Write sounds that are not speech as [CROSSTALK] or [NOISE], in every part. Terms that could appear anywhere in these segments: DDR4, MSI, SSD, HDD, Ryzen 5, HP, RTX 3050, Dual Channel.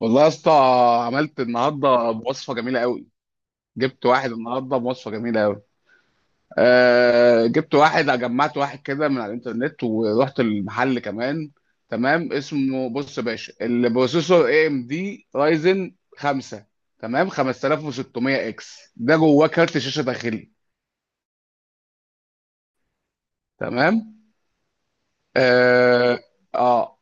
والله يا اسطى، عملت النهارده بوصفه جميله قوي. جبت واحد النهارده بوصفه جميله قوي. جبت واحد، جمعت واحد كده من على الانترنت، ورحت المحل كمان. تمام. اسمه، بص يا باشا، البروسيسور اي ام دي رايزن 5. تمام. 5600 اكس. ده جواه كارت شاشه داخلي. تمام. اه. آه.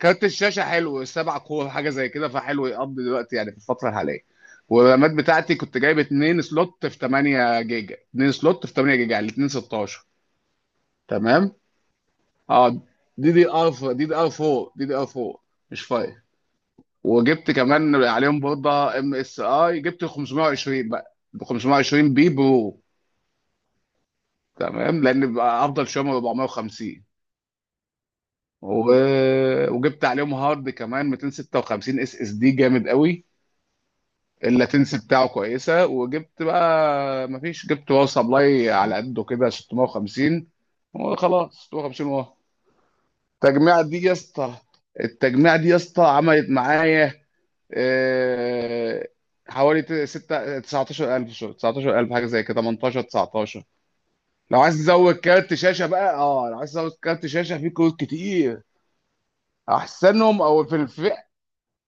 كارت الشاشه حلو، سبع كور حاجه زي كده، فحلو يقضي دلوقتي يعني في الفتره الحاليه. والرامات بتاعتي كنت جايب اتنين سلوت في 8 جيجا، اتنين سلوت في 8 جيجا، يعني الاتنين 16. تمام. اه. دي دي ار. دي دي ار 4، مش 5. وجبت كمان عليهم برضه ام اس اي، جبت 520 بقى، 520 بي برو. تمام، لان بيبقى افضل شويه من 450. و... وجبت عليهم هارد كمان 256 اس اس دي، جامد قوي. اللاتنسي بتاعه كويسه. وجبت بقى، مفيش، جبت باور سبلاي على قده كده 650. وخلاص 650. واه. التجميعه دي يا اسطى التجميعه دي يا اسطى عملت معايا آه، حوالي ستة 19,000، 19,000 حاجه زي كده، 18 19. لو عايز تزود كارت شاشه بقى، اه، لو عايز تزود كارت شاشه، في كروت كتير احسنهم او في الفئه،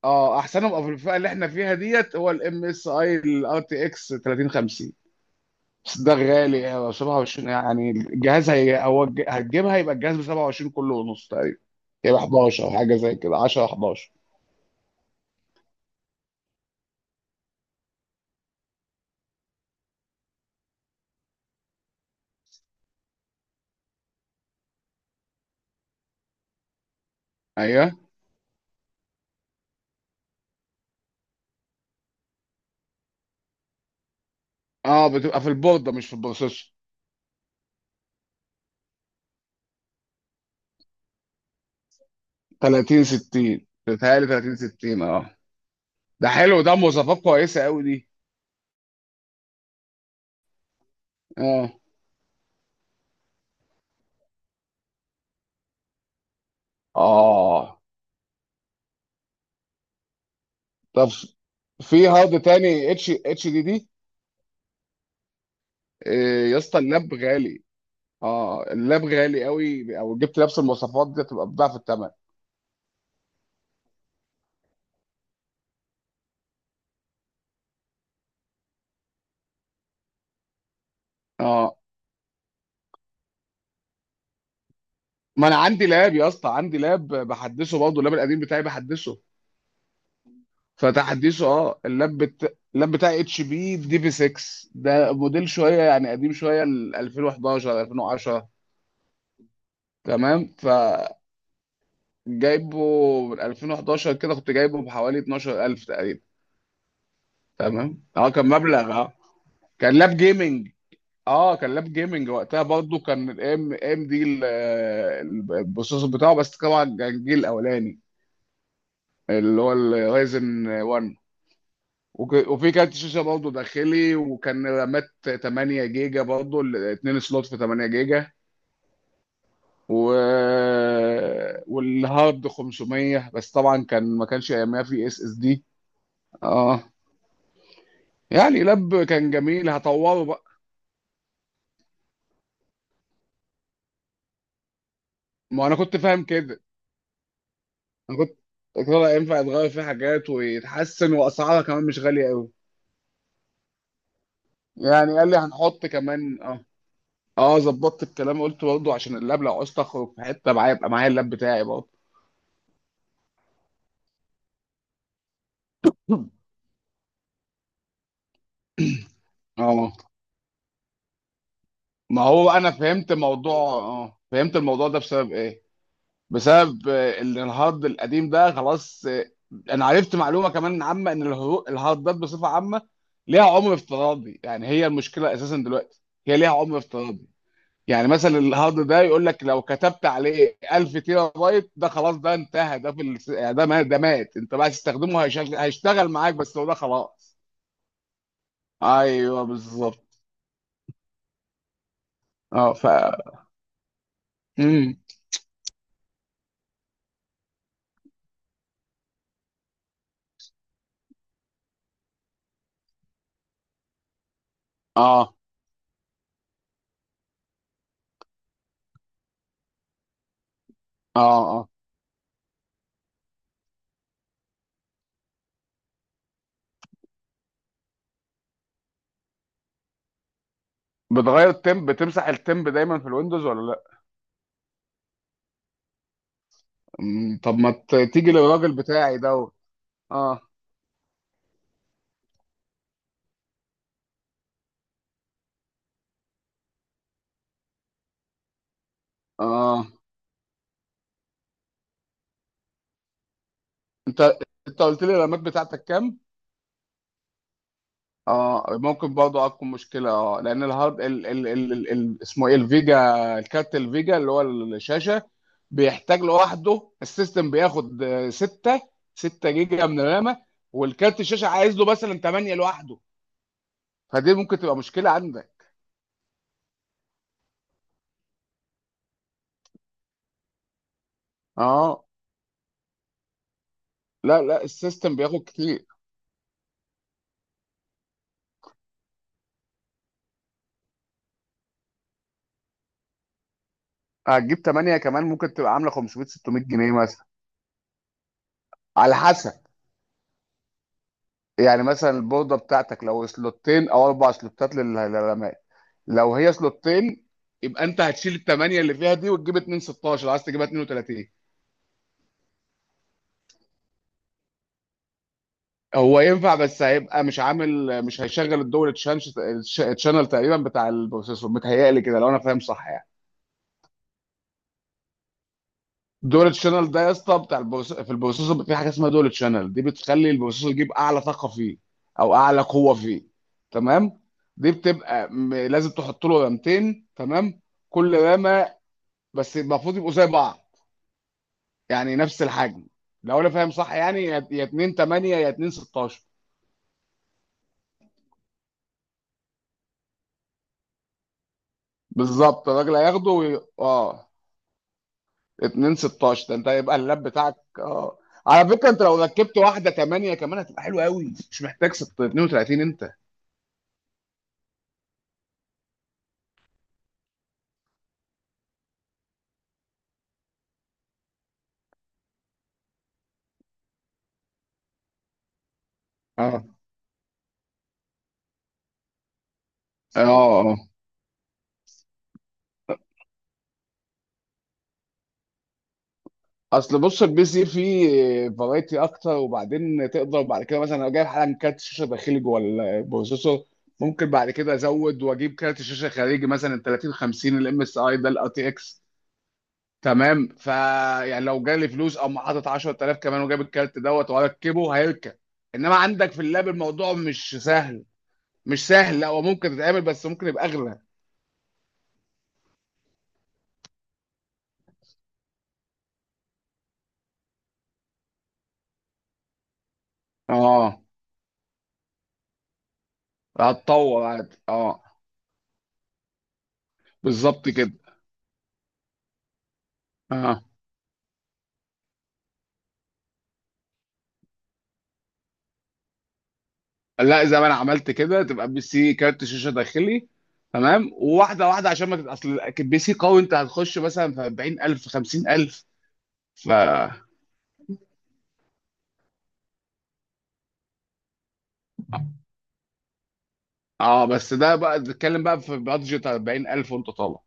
اه، احسنهم او في الفئه اللي احنا فيها، ديت هو الام اس اي الار تي اكس 3050. بس ده غالي أوي، 27، يعني الجهاز، هتجيبها، يبقى الجهاز ب 27 كله ونص تقريبا. يبقى 11، او حاجه زي كده، 10 11. ايوه. اه، بتبقى في البورده مش في البروسيسور. 30 60، بتهيألي 30 60، اه. ده حلو، ده مواصفات كويسه قوي دي. اه. اه. طب، في هارد تاني اتش اتش دي دي؟ إيه يا اسطى، اللاب غالي. اه، اللاب غالي قوي، او جبت نفس المواصفات دي تبقى بضعف الثمن. اه، ما انا عندي لاب يا اسطى، عندي لاب بحدثه برضه، اللاب القديم بتاعي بحدثه، فتحديثه، اه. اللاب بتاعي اتش بي دي في 6، ده موديل شويه يعني قديم شويه، ال 2011 2010. تمام. فجايبه من 2011 كده، كنت جايبه بحوالي 12,000 تقريبا. تمام. اه، كان مبلغ، اه. كان لاب جيمنج. اه، كان لاب جيمنج وقتها، برضه كان الام ام دي البروسيسور بتاعه، بس طبعا كان الجيل الاولاني، اللي هو الرايزن 1. وفي كارت شاشه برضه داخلي، وكان رامات 8 جيجا برضه ال- اتنين سلوت في 8 جيجا. و... والهارد 500، بس طبعا كان، ما كانش ايامها في اس اس دي. اه. يعني لاب كان جميل، هطوره بقى. ما انا كنت فاهم كده. انا كنت قلت له لا، ينفع يتغير فيه حاجات ويتحسن، واسعارها كمان مش غاليه قوي. يعني قال لي هنحط كمان، اه. اه، ظبطت الكلام. قلت برضه عشان اللاب، لو عوزت اخرج في حته معايا، يبقى معايا اللاب بتاعي برضه. [LAUGHS] اه. ما هو انا فهمت موضوع، اه، فهمت الموضوع ده بسبب ايه؟ بسبب، ان الهارد القديم ده خلاص، انا عرفت معلومه كمان عامه، ان الهاردات بصفه عامه ليها عمر افتراضي. يعني هي المشكله اساسا دلوقتي، هي ليها عمر افتراضي. يعني مثلا الهارد ده يقول لك لو كتبت عليه 1000 تيرا بايت، ده خلاص، ده انتهى، ده في يعني ده مات، ده مات. انت بقى تستخدمه، هيشتغل معاك، بس هو ده خلاص. ايوه بالظبط. اه، ف، امم اه. اه. آه. بتغير التيمب؟ بتمسح التيمب دايما في الويندوز ولا لا؟ طب ما تيجي للراجل بتاعي دوت. اه. اه. انت انت قلت لي الرامات بتاعتك كام؟ اه، ممكن برضه اكون مشكله، اه. لان الهارد، ال اسمه ايه، الفيجا، الكارت الفيجا اللي هو الشاشه بيحتاج لوحده. السيستم بياخد 6، جيجا من الرامه، والكارت الشاشه عايز له مثلا 8 لوحده. فدي ممكن تبقى مشكله عندك. اه. لا، لا، السيستم بياخد كتير. هتجيب 8 كمان، ممكن تبقى عامله 500 600 جنيه مثلا. على حسب. يعني مثلا البورده بتاعتك، لو سلوتين او اربع سلوتات للرماية، لو هي سلوتين، يبقى انت هتشيل الثمانيه اللي فيها دي وتجيب 2 16، عايز تجيبها 32. هو ينفع، بس هيبقى مش عامل، مش هيشغل الدول تشانش، تشانل تقريبا، بتاع البروسيسور، متهيألي كده لو انا فاهم صح يعني. دول تشانل ده يا اسطى بتاع في البروسيسور، بيبقى في حاجه اسمها دول تشانل، دي بتخلي البروسيسور يجيب اعلى طاقه فيه، او اعلى قوه فيه. تمام. دي بتبقى لازم تحط له رامتين، تمام، كل رامه، بس المفروض يبقوا زي بعض، يعني نفس الحجم، لو انا فاهم صح يعني، يا يا 2 8، يا 2 16. بالظبط، الراجل هياخده اه. 2 16 ده، انت هيبقى اللاب بتاعك اه. على فكره، انت لو ركبت واحده 8 كمان هتبقى حلوه قوي، مش محتاج 36 انت. اه. اه. اه. اصل بص، البي سي فيه فرايتي اكتر، وبعدين تقدر بعد كده مثلا، لو جايب حالا كارت شاشه داخلي جوه البروسيسور، ممكن بعد كده ازود واجيب كارت شاشه خارجي مثلا 30 50، الام اس اي ده الار تي اكس. تمام. ف يعني لو جالي فلوس او حاطط 10,000 كمان وجايب الكارت دوت واركبه، هيركب. انما عندك في اللاب الموضوع مش سهل. مش سهل، لا هو ممكن تتعمل، بس ممكن يبقى اغلى. اه، هتطور عادي، اه. بالظبط كده. اه، لا، زي ما انا عملت كده، تبقى بي سي كارت شاشه داخلي. تمام. وواحده واحده عشان ما اصل بي سي قوي، انت هتخش مثلا في 40,000، في 50,000. ف، اه، بس ده بقى بتتكلم بقى في بادجت 40,000 وانت طالع.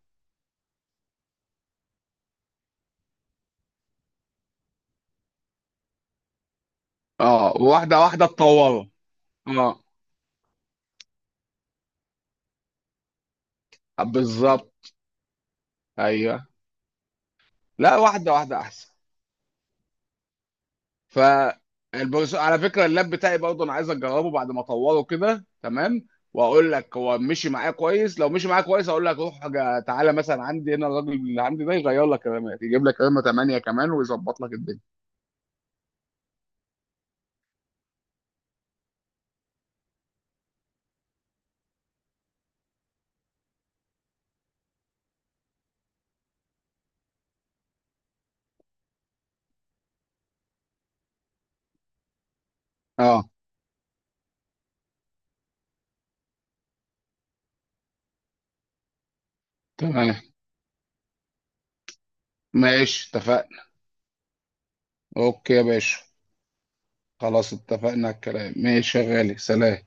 اه، واحده واحده تطوره، اه، بالظبط، ايوه. لا، واحده واحده احسن. فالبروس، على فكره اللاب بتاعي برضه، انا عايز اجربه بعد ما اطوره كده. تمام. واقول لك هو مشي معايا كويس. لو مشي معايا كويس، اقول لك روح تعالى مثلا عندي هنا، الراجل اللي عندي ده يغير لك رامات، يجيب لك رامه 8 كمان ويظبط لك الدنيا. اه، تمام، ماشي، اتفقنا. اوكي يا باشا. خلاص، اتفقنا على الكلام، ماشي يا غالي، سلام.